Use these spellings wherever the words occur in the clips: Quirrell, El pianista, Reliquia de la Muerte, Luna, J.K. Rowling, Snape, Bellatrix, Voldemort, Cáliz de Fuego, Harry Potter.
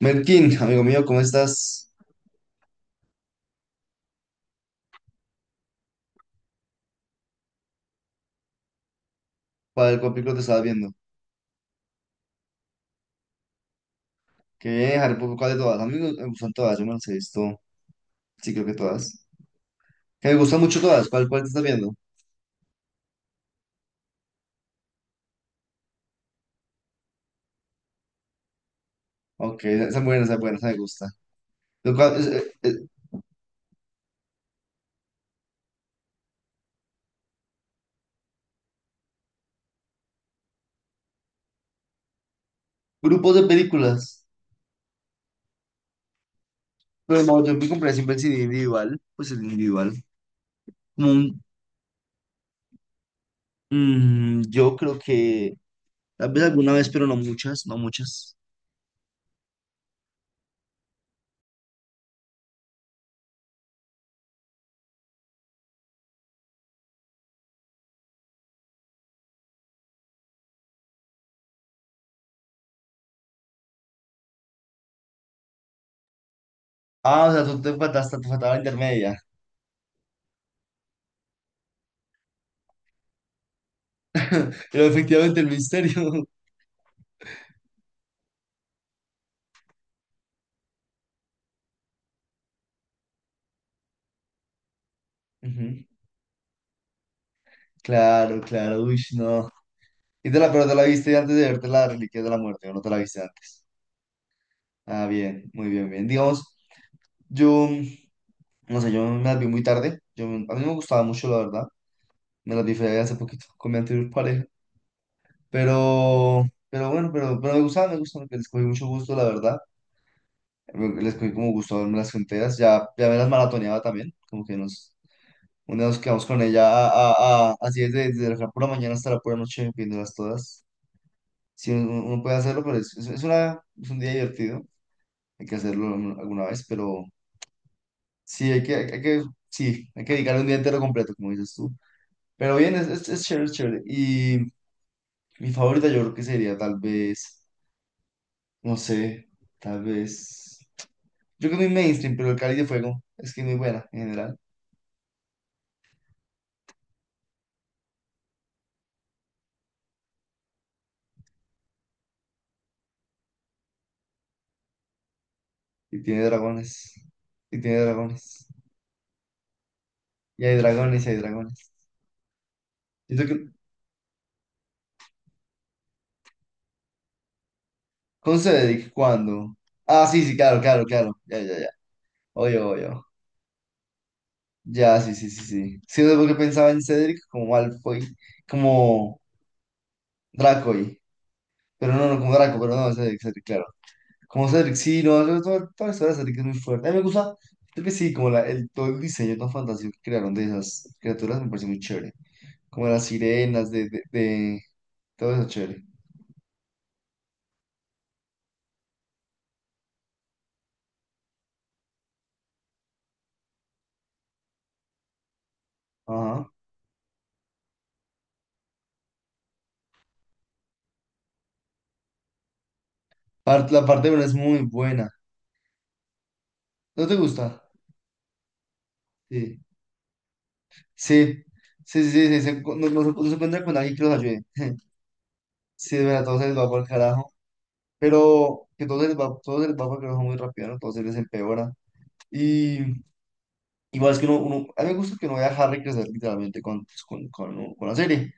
Merkin, amigo mío, ¿cómo estás? ¿Cuál película te estabas viendo? Que Harry Potter, ¿cuál de todas? A mí me gustan todas, yo me las he visto, sí creo que todas. Que me gustan mucho todas, ¿cuál te estás viendo? Ok, esa es buena, esa es buena, esa me gusta. Lo cual es- eh, eh, Grupos de películas, pero no, yo me compré siempre el CD individual, pues el individual. Como yo creo que tal vez alguna vez, pero no muchas, no muchas. Ah, o sea, tú te faltaste, te faltaba la intermedia. Pero efectivamente el misterio. Ujú. Claro, claro, uy, no. Pero te la viste antes de verte la Reliquia de la Muerte, o no te la viste antes. Ah, bien, muy bien, bien. Digamos, yo, no sé, yo me las vi muy tarde. A mí me gustaba mucho, la verdad. Me las vi fue hace poquito con mi anterior pareja. Pero bueno, pero me gustaba, les cogí mucho gusto, la verdad. Les cogí como gusto a verme las enteras. Ya me las maratoneaba también, como que nos, un día nos quedamos con ella así desde la pura mañana hasta la pura noche, viéndolas todas. Sí, uno puede hacerlo, pero es un día divertido. Hay que hacerlo alguna vez, pero sí, hay que, hay que, sí, hay que dedicarle un día entero completo, como dices tú. Pero bien, es chévere, es chévere. Y mi favorita yo creo que sería tal vez, no sé, tal vez, yo creo que mi mainstream, pero el Cáliz de Fuego es que es muy buena en general. Y tiene dragones. Y tiene dragones. Y hay dragones, y hay dragones. Siento que. ¿Con Cedric? ¿Cuándo? Ah, sí, sí, claro, claro, claro. Ya, ya, ya. Oye, oye. Ya, sí, sí, sí, sí. Sí, o porque pensaba en Cedric como Malfoy, como Dracoy. Pero no, no, como Draco, pero no, Cedric, Cedric, claro. Como Cedric, sí, no, toda la historia de Cedric es muy fuerte. A mí me gusta, creo que sí, como todo el diseño tan fantástico que crearon de esas criaturas me parece muy chévere. Como las sirenas, todo eso chévere. Ajá. La parte una es muy buena. ¿No te gusta? Sí. Sí, sí, sí, sí, sí, no, no se encuentra con alguien que los ayude. Sí, de verdad, todo se les va por el carajo. Pero que todo se les va, todo se les va que baja muy rápido, ¿no? Todo se les empeora. Y igual es que a mí me gusta que no vea a Harry crecer literalmente pues, con la serie.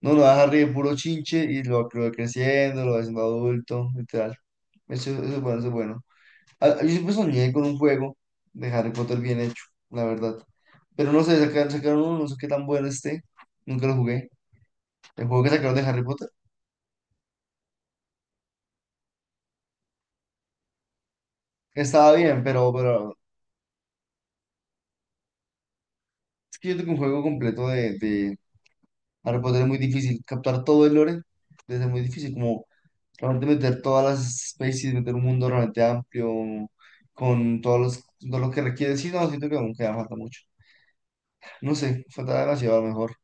No, lo ve a Harry de puro chinche y lo va creciendo, lo va haciendo adulto, literal. Eso es bueno, eso es bueno. Ah, yo siempre soñé con un juego de Harry Potter bien hecho, la verdad. Pero no sé, sacaron uno, no sé qué tan bueno esté. Nunca lo jugué. El juego que sacaron de Harry Potter estaba bien, pero, es que yo tengo un juego completo Harry Potter. Es muy difícil captar todo el lore, entonces es muy difícil como realmente meter todas las especies, meter un mundo realmente amplio, con todos los, todo lo que requiere. Sí, no, siento que aún queda falta mucho. No sé, falta demasiado a lo mejor.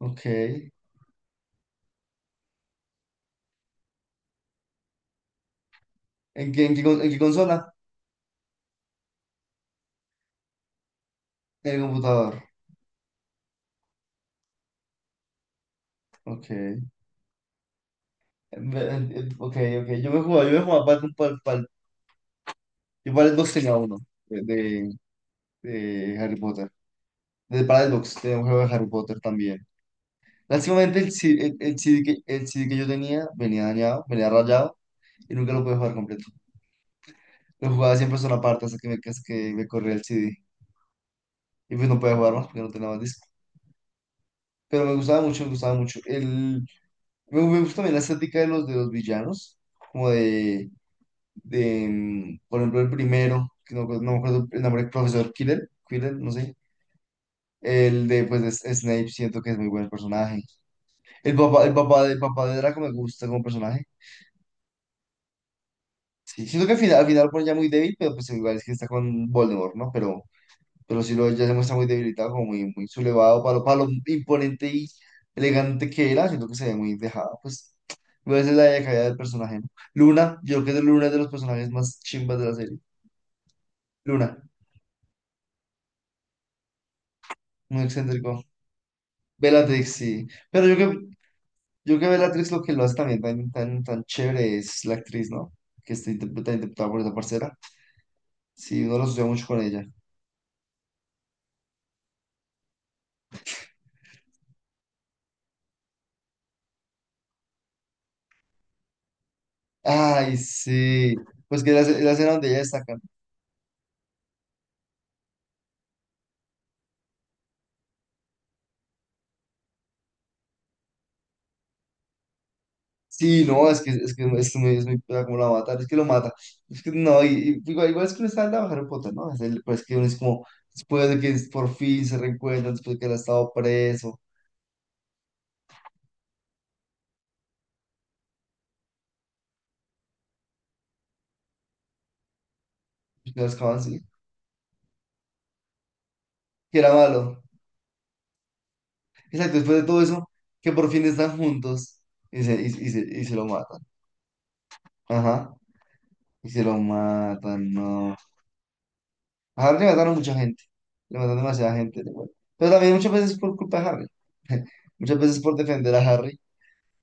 Ok. ¿En qué consola? En el computador. Ok. Ok, ok. Yo me jugaba yo para el Xbox tenía uno de, de, de Harry Potter. Para el Xbox tenía un juego de Harry Potter también. Básicamente el CD que yo tenía venía dañado, venía rayado y nunca lo pude jugar completo. Lo jugaba siempre solo aparte hasta que me corría el CD. Y pues no podía jugar más porque no tenía más disco. Pero me gustaba mucho, me gustaba mucho. Me gusta también la estética de los villanos, como por ejemplo, el primero, que no me acuerdo el nombre, profesor Quirrell, Quirrell, no sé. El de, pues, de Snape, siento que es muy buen personaje. El papá de Draco me gusta como personaje. Sí, siento que al final, pone ya muy débil, pero pues igual es que está con Voldemort, ¿no? pero sí lo ya se muestra muy debilitado, como muy, muy sublevado para lo imponente y elegante que era, siento que se ve muy dejado, pues igual esa es la decaída del personaje, ¿no? Luna, yo creo que Luna es de los personajes más chimbas de la serie. Luna, muy excéntrico. Bellatrix, sí. Pero yo creo que Bellatrix lo que lo hace también tan, tan, tan chévere es la actriz, ¿no? Que está interpretada por esa parcera. Sí, uno lo asocia mucho con ella. Ay, sí. Pues que la, ce- la escena donde ella destaca. Sí, no, es que es muy pela como la mata, es que lo mata. Es que no, y, y igual es que no está en la Harry Potter, ¿no? Es el, pues que uno es como, después de que por fin se reencuentran, después de que él ha estado preso, después que lo acaban, sí, que era malo. Exacto, después de todo eso, que por fin están juntos y se lo matan. Ajá, y se lo matan, no. A Harry le mataron mucha gente, le mataron demasiada gente, de acuerdo. Pero también muchas veces por culpa de Harry, muchas veces por defender a Harry,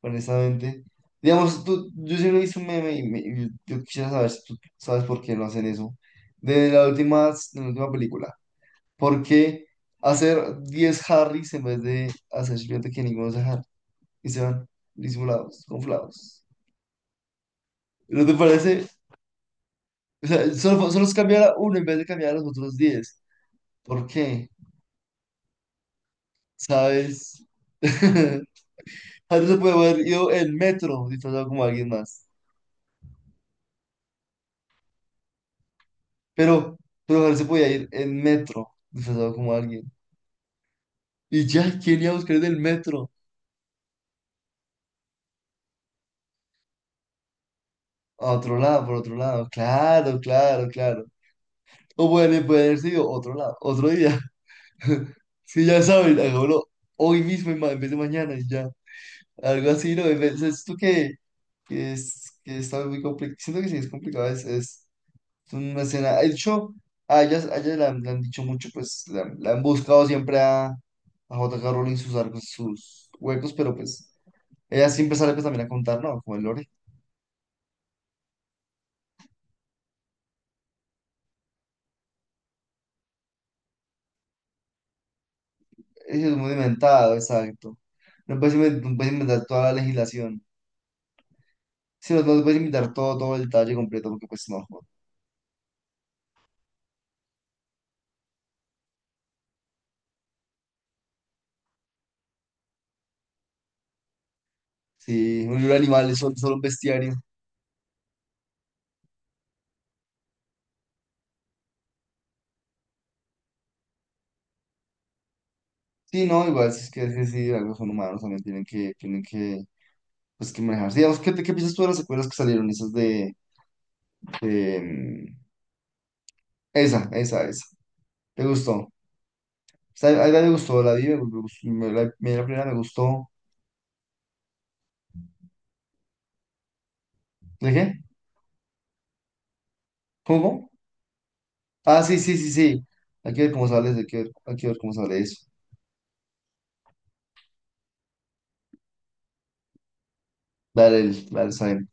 honestamente. Digamos, yo siempre he visto un meme y yo quisiera saber si tú sabes por qué no hacen eso. De la última película, ¿por qué hacer 10 Harrys en vez de hacer simplemente que ninguno sea Harry? Y se van disimulados, conflados. ¿No te parece? O sea, solo se cambiara uno en vez de cambiar a los otros 10. ¿Por qué? ¿Sabes? Harry se puede haber ido en metro disfrazado como alguien más. Pero, pero Harry se podía ir en metro disfrazado como alguien. Y ya, ¿quién iba a buscar en el metro? A otro lado, por otro lado. Claro, claro, claro. O puede haber sido otro lado, otro día. Sí, ya saben, hagámoslo hoy mismo en vez de mañana y ya. Algo así, ¿no? Es esto que está muy complicado. Siento que sí es complicado, es una escena. De hecho, a ella le han dicho mucho, pues la han buscado siempre a J.K. Rowling sus arcos, sus huecos, pero pues ella siempre sale pues también a contar, ¿no? Como el lore. Ella es muy inventado, exacto. No puedes inventar toda la legislación. Sí, no, no puedes inventar todo el detalle completo, porque pues no, joder. Sí, un libro de animales, solo un bestiario. Sí, no, igual, si es que, sí, algo son humanos, también tienen que manejarse. Digamos, ¿qué piensas tú de las secuelas que salieron? Esas de, de, mm, esa, esa, esa. ¿Te gustó? O sea, ahí la me gustó, la vi, me gustó, la primera me gustó. ¿De qué? ¿Cómo? Ah, sí, sí, sí, sí. Hay que ver cómo sale, eso, hay que ver cómo sale eso. Dale, dale, está bien.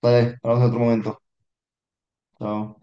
Dale, hablamos en otro momento. Chao.